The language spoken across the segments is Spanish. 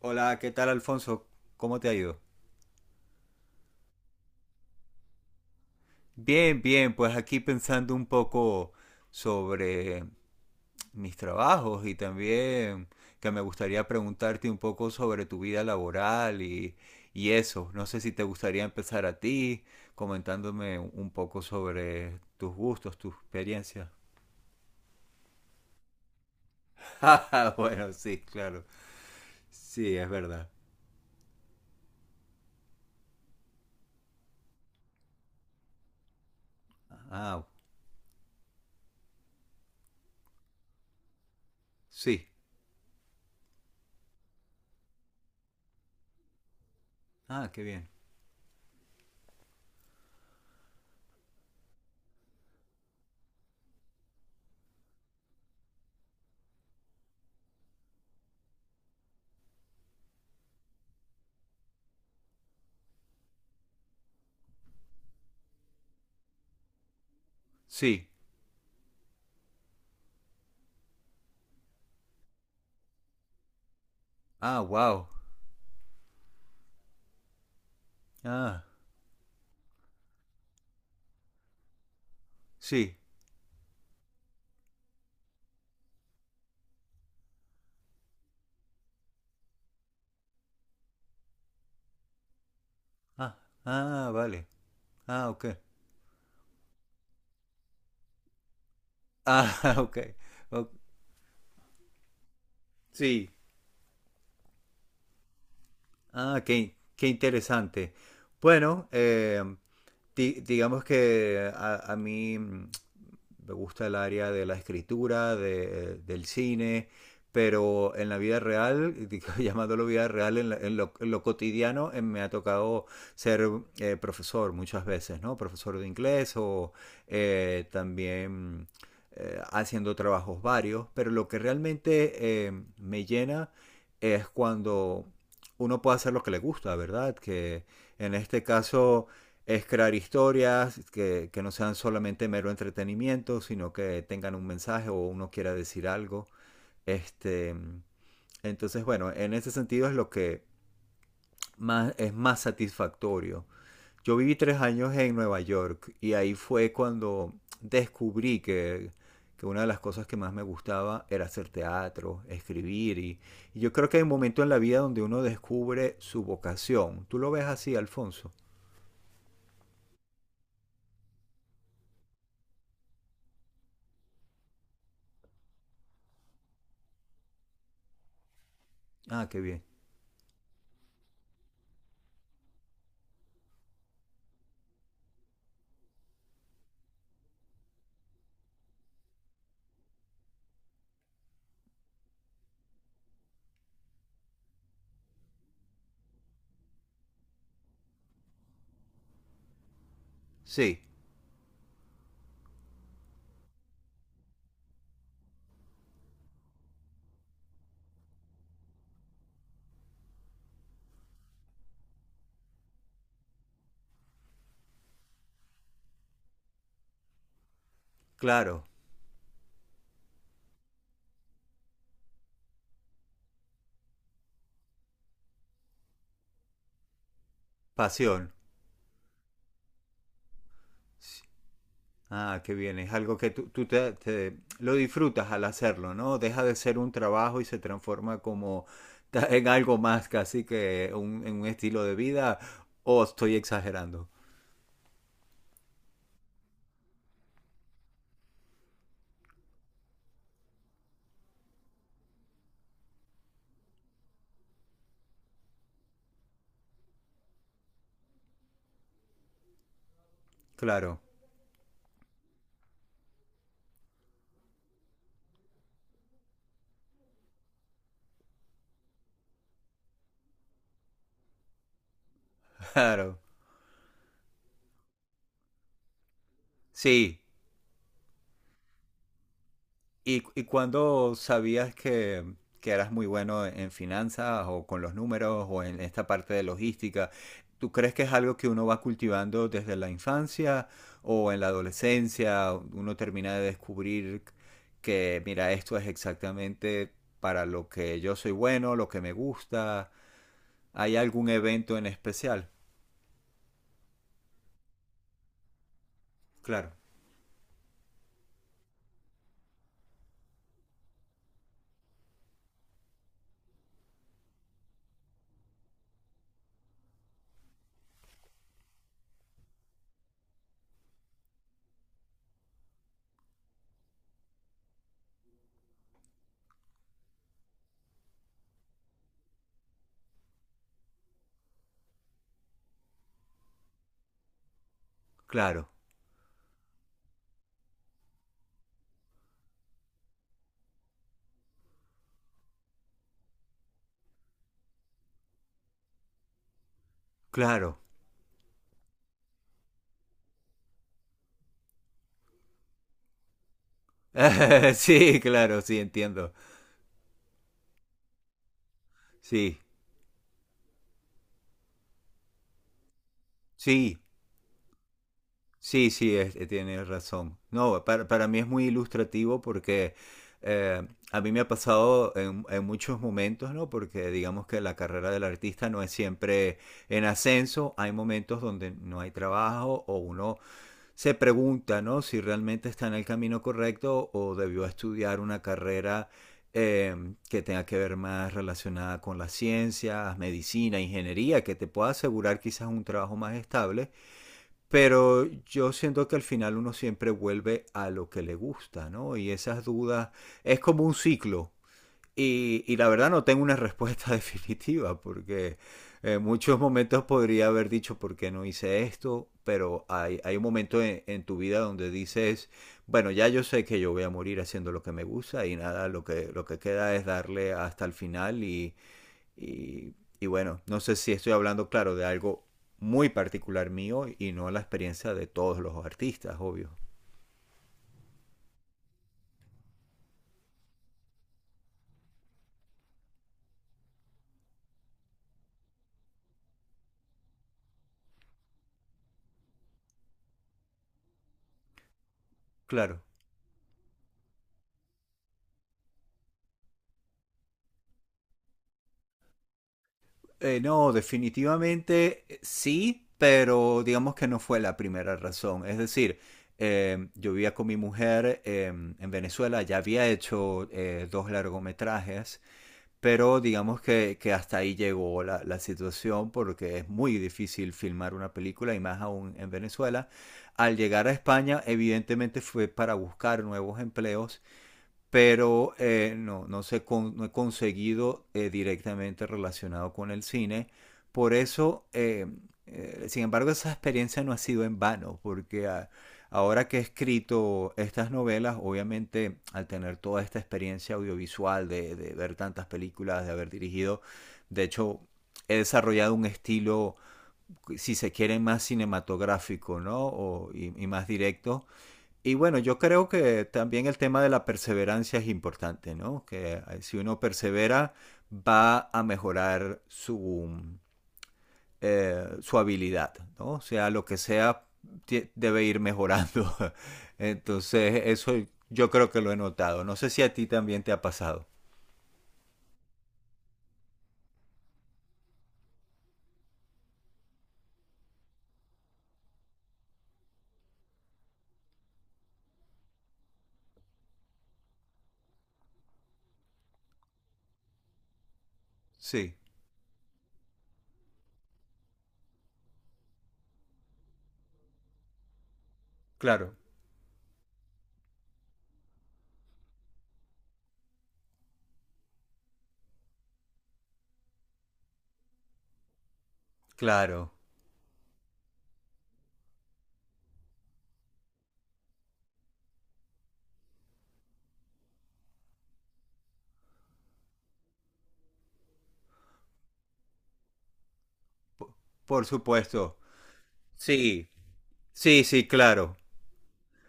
Hola, ¿qué tal, Alfonso? ¿Cómo te ha ido? Bien, bien, pues aquí pensando un poco sobre mis trabajos y también que me gustaría preguntarte un poco sobre tu vida laboral y eso. No sé si te gustaría empezar a ti comentándome un poco sobre tus gustos, tus experiencias. Ah, bueno, sí, claro. Sí, es verdad. Ah, sí. Ah, qué bien. Sí. Ah, wow. Ah, sí. Ah, ah, vale. Ah, ok. Ah, ok. O- sí. Ah, qué interesante. Bueno, digamos que a mí, me gusta el área de la escritura, del cine, pero en la vida real, digo, llamándolo vida real, en en lo cotidiano, me ha tocado ser profesor muchas veces, ¿no? Profesor de inglés o también, haciendo trabajos varios, pero lo que realmente, me llena es cuando uno puede hacer lo que le gusta, ¿verdad? Que en este caso es crear historias que no sean solamente mero entretenimiento, sino que tengan un mensaje o uno quiera decir algo. Este, entonces, bueno, en ese sentido es lo que es más satisfactorio. Yo viví 3 años en Nueva York y ahí fue cuando descubrí que una de las cosas que más me gustaba era hacer teatro, escribir y yo creo que hay un momento en la vida donde uno descubre su vocación. ¿Tú lo ves así, Alfonso? Ah, qué bien. Sí, claro, pasión. Ah, qué bien. Es algo que lo disfrutas al hacerlo, ¿no? Deja de ser un trabajo y se transforma como en algo más, casi que en un estilo de vida. ¿O estoy exagerando? Claro, claro. Sí. Y cuándo sabías que eras muy bueno en finanzas o con los números o en esta parte de logística? ¿Tú crees que es algo que uno va cultivando desde la infancia o en la adolescencia? Uno termina de descubrir que, mira, esto es exactamente para lo que yo soy bueno, lo que me gusta. ¿Hay algún evento en especial? Claro, claro, claro. Sí, claro, sí, entiendo. Sí, sí. Sí, sí, tienes razón. No, para mí es muy ilustrativo porque, a mí me ha pasado en muchos momentos, ¿no? Porque digamos que la carrera del artista no es siempre en ascenso. Hay momentos donde no hay trabajo o uno se pregunta, ¿no? Si realmente está en el camino correcto o debió estudiar una carrera, que tenga que ver más relacionada con las ciencias, medicina, ingeniería, que te pueda asegurar quizás un trabajo más estable. Pero yo siento que al final uno siempre vuelve a lo que le gusta, ¿no? Y esas dudas es como un ciclo. Y la verdad no tengo una respuesta definitiva, porque en muchos momentos podría haber dicho por qué no hice esto, pero hay un momento en tu vida donde dices, bueno, ya yo sé que yo voy a morir haciendo lo que me gusta y nada, lo que queda es darle hasta el final y bueno, no sé si estoy hablando, claro, de algo muy particular mío y no la experiencia de todos los artistas, obvio. Claro. No, definitivamente, sí, pero digamos que no fue la primera razón. Es decir, yo vivía con mi mujer, en Venezuela, ya había hecho 2 largometrajes. Pero digamos que hasta ahí llegó la situación, porque es muy difícil filmar una película y más aún en Venezuela. Al llegar a España, evidentemente fue para buscar nuevos empleos, pero no he conseguido, directamente relacionado con el cine. Por eso, sin embargo, esa experiencia no ha sido en vano, porque ah, ahora que he escrito estas novelas, obviamente al tener toda esta experiencia audiovisual, de ver tantas películas, de haber dirigido, de hecho, he desarrollado un estilo, si se quiere, más cinematográfico, ¿no? Y más directo. Y bueno, yo creo que también el tema de la perseverancia es importante, ¿no? Que, si uno persevera, va a mejorar su habilidad, ¿no? O sea, lo que sea, debe ir mejorando. Entonces, eso yo creo que lo he notado. No sé si a ti también te ha pasado. Sí, claro, claro, por supuesto. Sí, sí, sí, claro.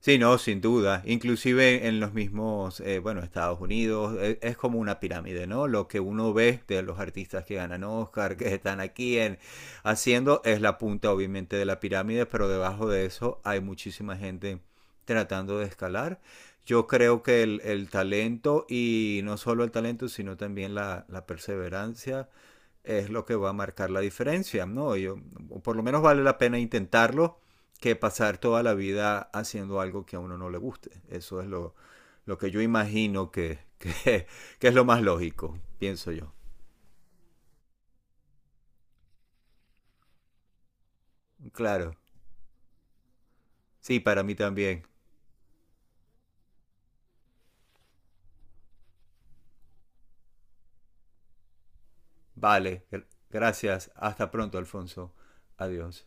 Sí, no, sin duda. Inclusive en los mismos, bueno, Estados Unidos, es como una pirámide, ¿no? Lo que uno ve de los artistas que ganan Oscar, que están aquí en, haciendo, es la punta obviamente de la pirámide, pero debajo de eso hay muchísima gente tratando de escalar. Yo creo que el talento, y no solo el talento, sino también la perseverancia, es lo que va a marcar la diferencia, ¿no? Yo, por lo menos vale la pena intentarlo, que pasar toda la vida haciendo algo que a uno no le guste. Eso es lo que yo imagino que es lo más lógico, pienso yo. Claro, sí, para mí también. Vale, gracias. Hasta pronto, Alfonso. Adiós.